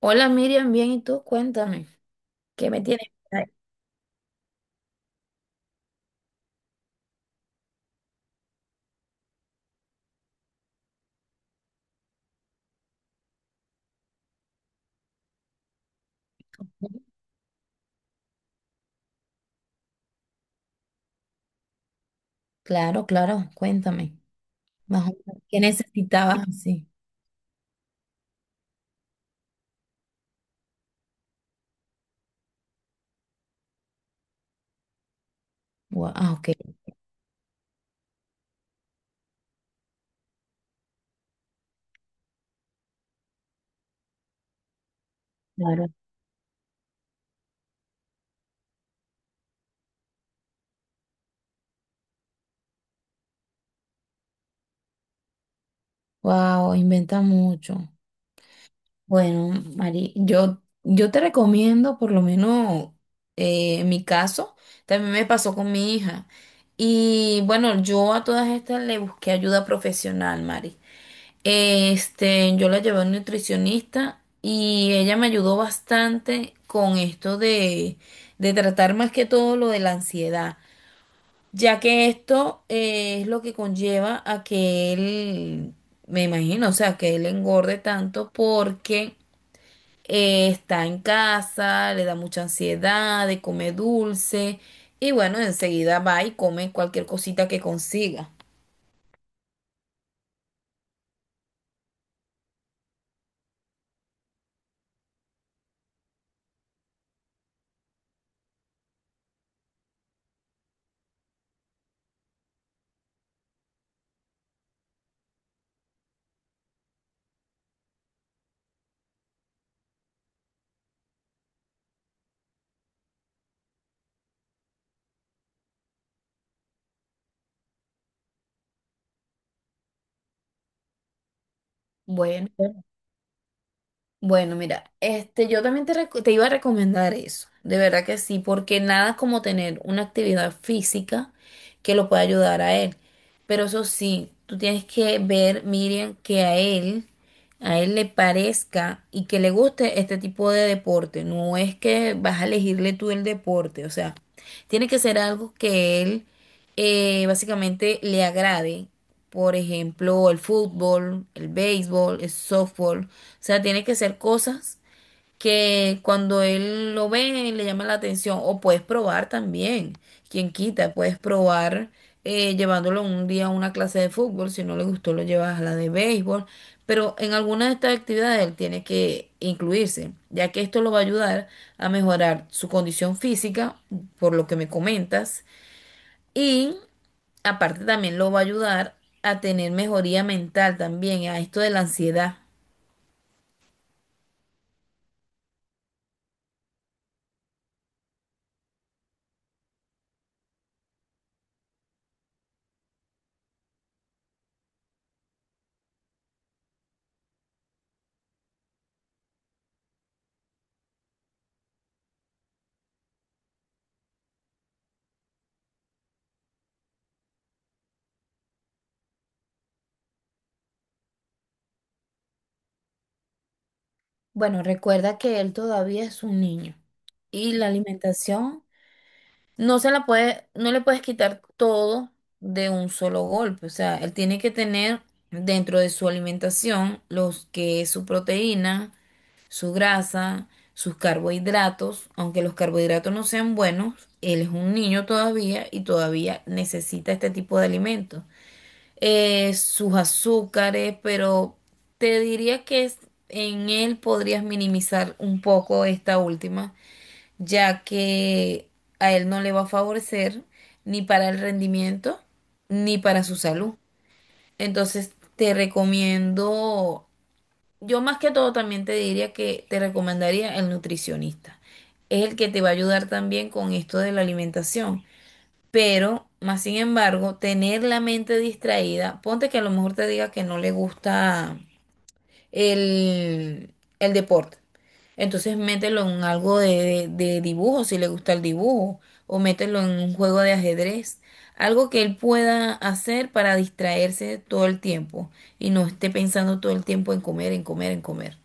Hola Miriam, bien, ¿y tú? Cuéntame, ¿qué me tienes por ahí? Claro, claro, cuéntame. Más o menos, ¿qué necesitabas así? Wow, ok, claro. Wow, inventa mucho. Bueno, Mari, yo te recomiendo, por lo menos en mi caso, también me pasó con mi hija. Y bueno, yo a todas estas le busqué ayuda profesional, Mari. Este, yo la llevé a un nutricionista y ella me ayudó bastante con esto de tratar más que todo lo de la ansiedad, ya que esto es lo que conlleva a que él, me imagino, o sea, que él engorde tanto porque está en casa, le da mucha ansiedad de comer dulce y bueno, enseguida va y come cualquier cosita que consiga. Bueno. Bueno, mira, este, yo también te, te iba a recomendar eso, de verdad que sí, porque nada como tener una actividad física que lo pueda ayudar a él. Pero eso sí, tú tienes que ver, Miriam, que a él le parezca y que le guste este tipo de deporte. No es que vas a elegirle tú el deporte, o sea, tiene que ser algo que él básicamente le agrade, por ejemplo, el fútbol, el béisbol, el softball. O sea, tiene que ser cosas que cuando él lo ve le llama la atención. O puedes probar también, quien quita, puedes probar llevándolo un día a una clase de fútbol. Si no le gustó, lo llevas a la de béisbol. Pero en alguna de estas actividades él tiene que incluirse, ya que esto lo va a ayudar a mejorar su condición física, por lo que me comentas y aparte también lo va a ayudar a tener mejoría mental también, a esto de la ansiedad. Bueno, recuerda que él todavía es un niño y la alimentación no se la puede, no le puedes quitar todo de un solo golpe. O sea, él tiene que tener dentro de su alimentación los que es su proteína, su grasa, sus carbohidratos, aunque los carbohidratos no sean buenos, él es un niño todavía y todavía necesita este tipo de alimentos. Sus azúcares, pero te diría en él podrías minimizar un poco esta última, ya que a él no le va a favorecer ni para el rendimiento ni para su salud. Entonces te recomiendo, yo más que todo también te diría que te recomendaría el nutricionista. Es el que te va a ayudar también con esto de la alimentación, pero, más sin embargo, tener la mente distraída, ponte que a lo mejor te diga que no le gusta el, el deporte. Entonces mételo en algo de, de dibujo, si le gusta el dibujo, o mételo en un juego de ajedrez, algo que él pueda hacer para distraerse todo el tiempo y no esté pensando todo el tiempo en comer, en comer, en comer.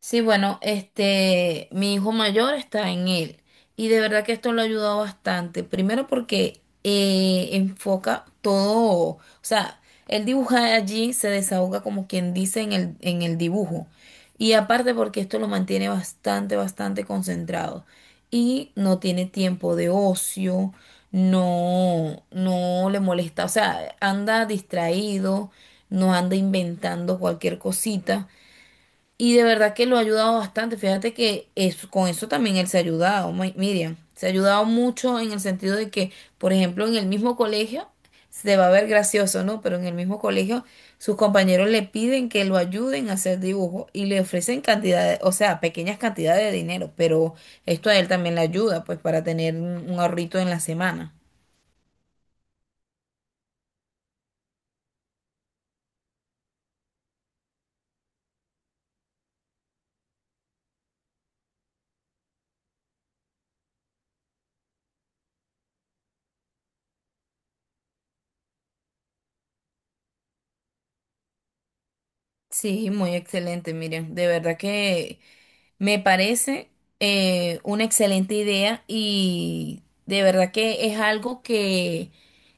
Sí, bueno, este, mi hijo mayor está en él y de verdad que esto lo ha ayudado bastante. Primero porque enfoca todo, o sea, él dibuja allí, se desahoga como quien dice en el dibujo. Y aparte porque esto lo mantiene bastante, bastante concentrado y no tiene tiempo de ocio, no, no le molesta, o sea, anda distraído, no anda inventando cualquier cosita. Y de verdad que lo ha ayudado bastante. Fíjate que es, con eso también él se ha ayudado, Miriam. Se ha ayudado mucho en el sentido de que, por ejemplo, en el mismo colegio, se va a ver gracioso, ¿no? Pero en el mismo colegio, sus compañeros le piden que lo ayuden a hacer dibujo y le ofrecen cantidades, o sea, pequeñas cantidades de dinero, pero esto a él también le ayuda, pues, para tener un ahorrito en la semana. Sí, muy excelente, Miriam. De verdad que me parece una excelente idea y de verdad que es algo que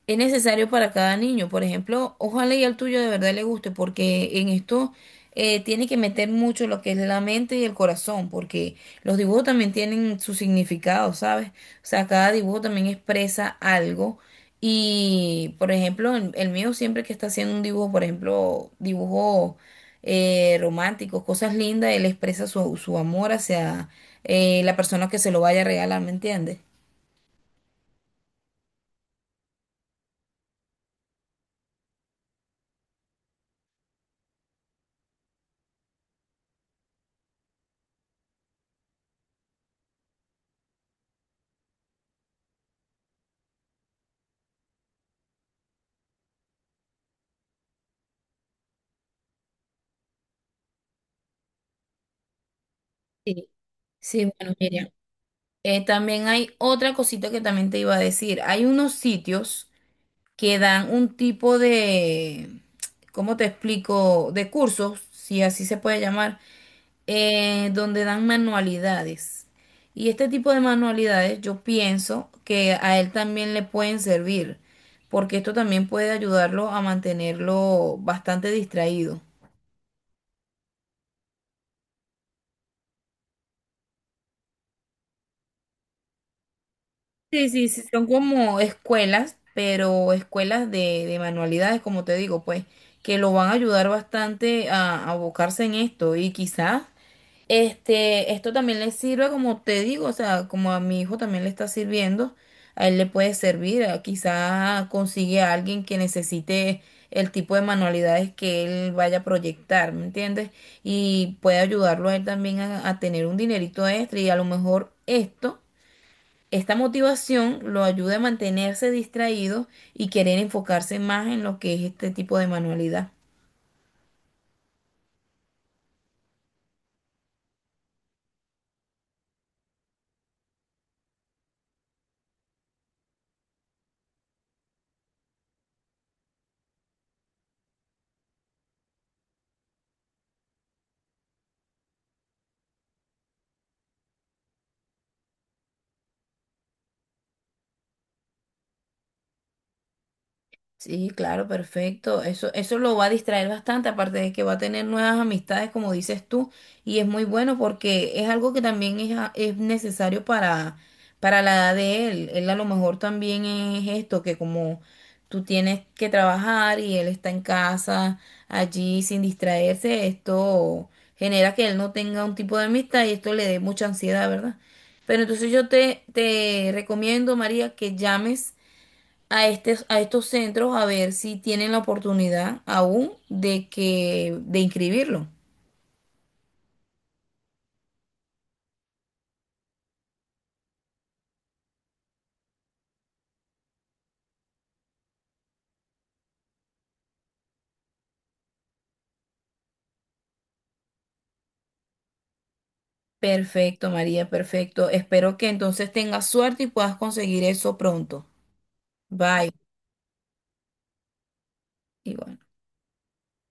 es necesario para cada niño. Por ejemplo, ojalá y al tuyo de verdad le guste, porque en esto tiene que meter mucho lo que es la mente y el corazón, porque los dibujos también tienen su significado, ¿sabes? O sea, cada dibujo también expresa algo. Y, por ejemplo, el mío siempre que está haciendo un dibujo, por ejemplo, dibujo románticos, cosas lindas, él expresa su, su amor hacia la persona que se lo vaya a regalar, ¿me entiendes? Sí, sí, bueno, Miriam. También hay otra cosita que también te iba a decir. Hay unos sitios que dan un tipo de, ¿cómo te explico? De cursos, si así se puede llamar, donde dan manualidades. Y este tipo de manualidades yo pienso que a él también le pueden servir, porque esto también puede ayudarlo a mantenerlo bastante distraído. Sí, sí, sí, son como escuelas, pero escuelas de manualidades, como te digo, pues, que lo van a ayudar bastante a abocarse en esto y quizás este, esto también le sirve, como te digo, o sea, como a mi hijo también le está sirviendo, a él le puede servir, quizá consigue a alguien que necesite el tipo de manualidades que él vaya a proyectar, ¿me entiendes? Y puede ayudarlo a él también a tener un dinerito extra y a lo mejor esto, esta motivación lo ayuda a mantenerse distraído y querer enfocarse más en lo que es este tipo de manualidad. Sí, claro, perfecto. Eso lo va a distraer bastante, aparte de que va a tener nuevas amistades, como dices tú, y es muy bueno porque es algo que también es, es necesario para la edad de él. Él a lo mejor también es esto, que como tú tienes que trabajar y él está en casa, allí sin distraerse, esto genera que él no tenga un tipo de amistad y esto le dé mucha ansiedad, ¿verdad? Pero entonces yo te, te recomiendo, María, que llames a, a estos centros a ver si tienen la oportunidad aún de que de inscribirlo. Perfecto, María, perfecto. Espero que entonces tengas suerte y puedas conseguir eso pronto. Bye. Igual.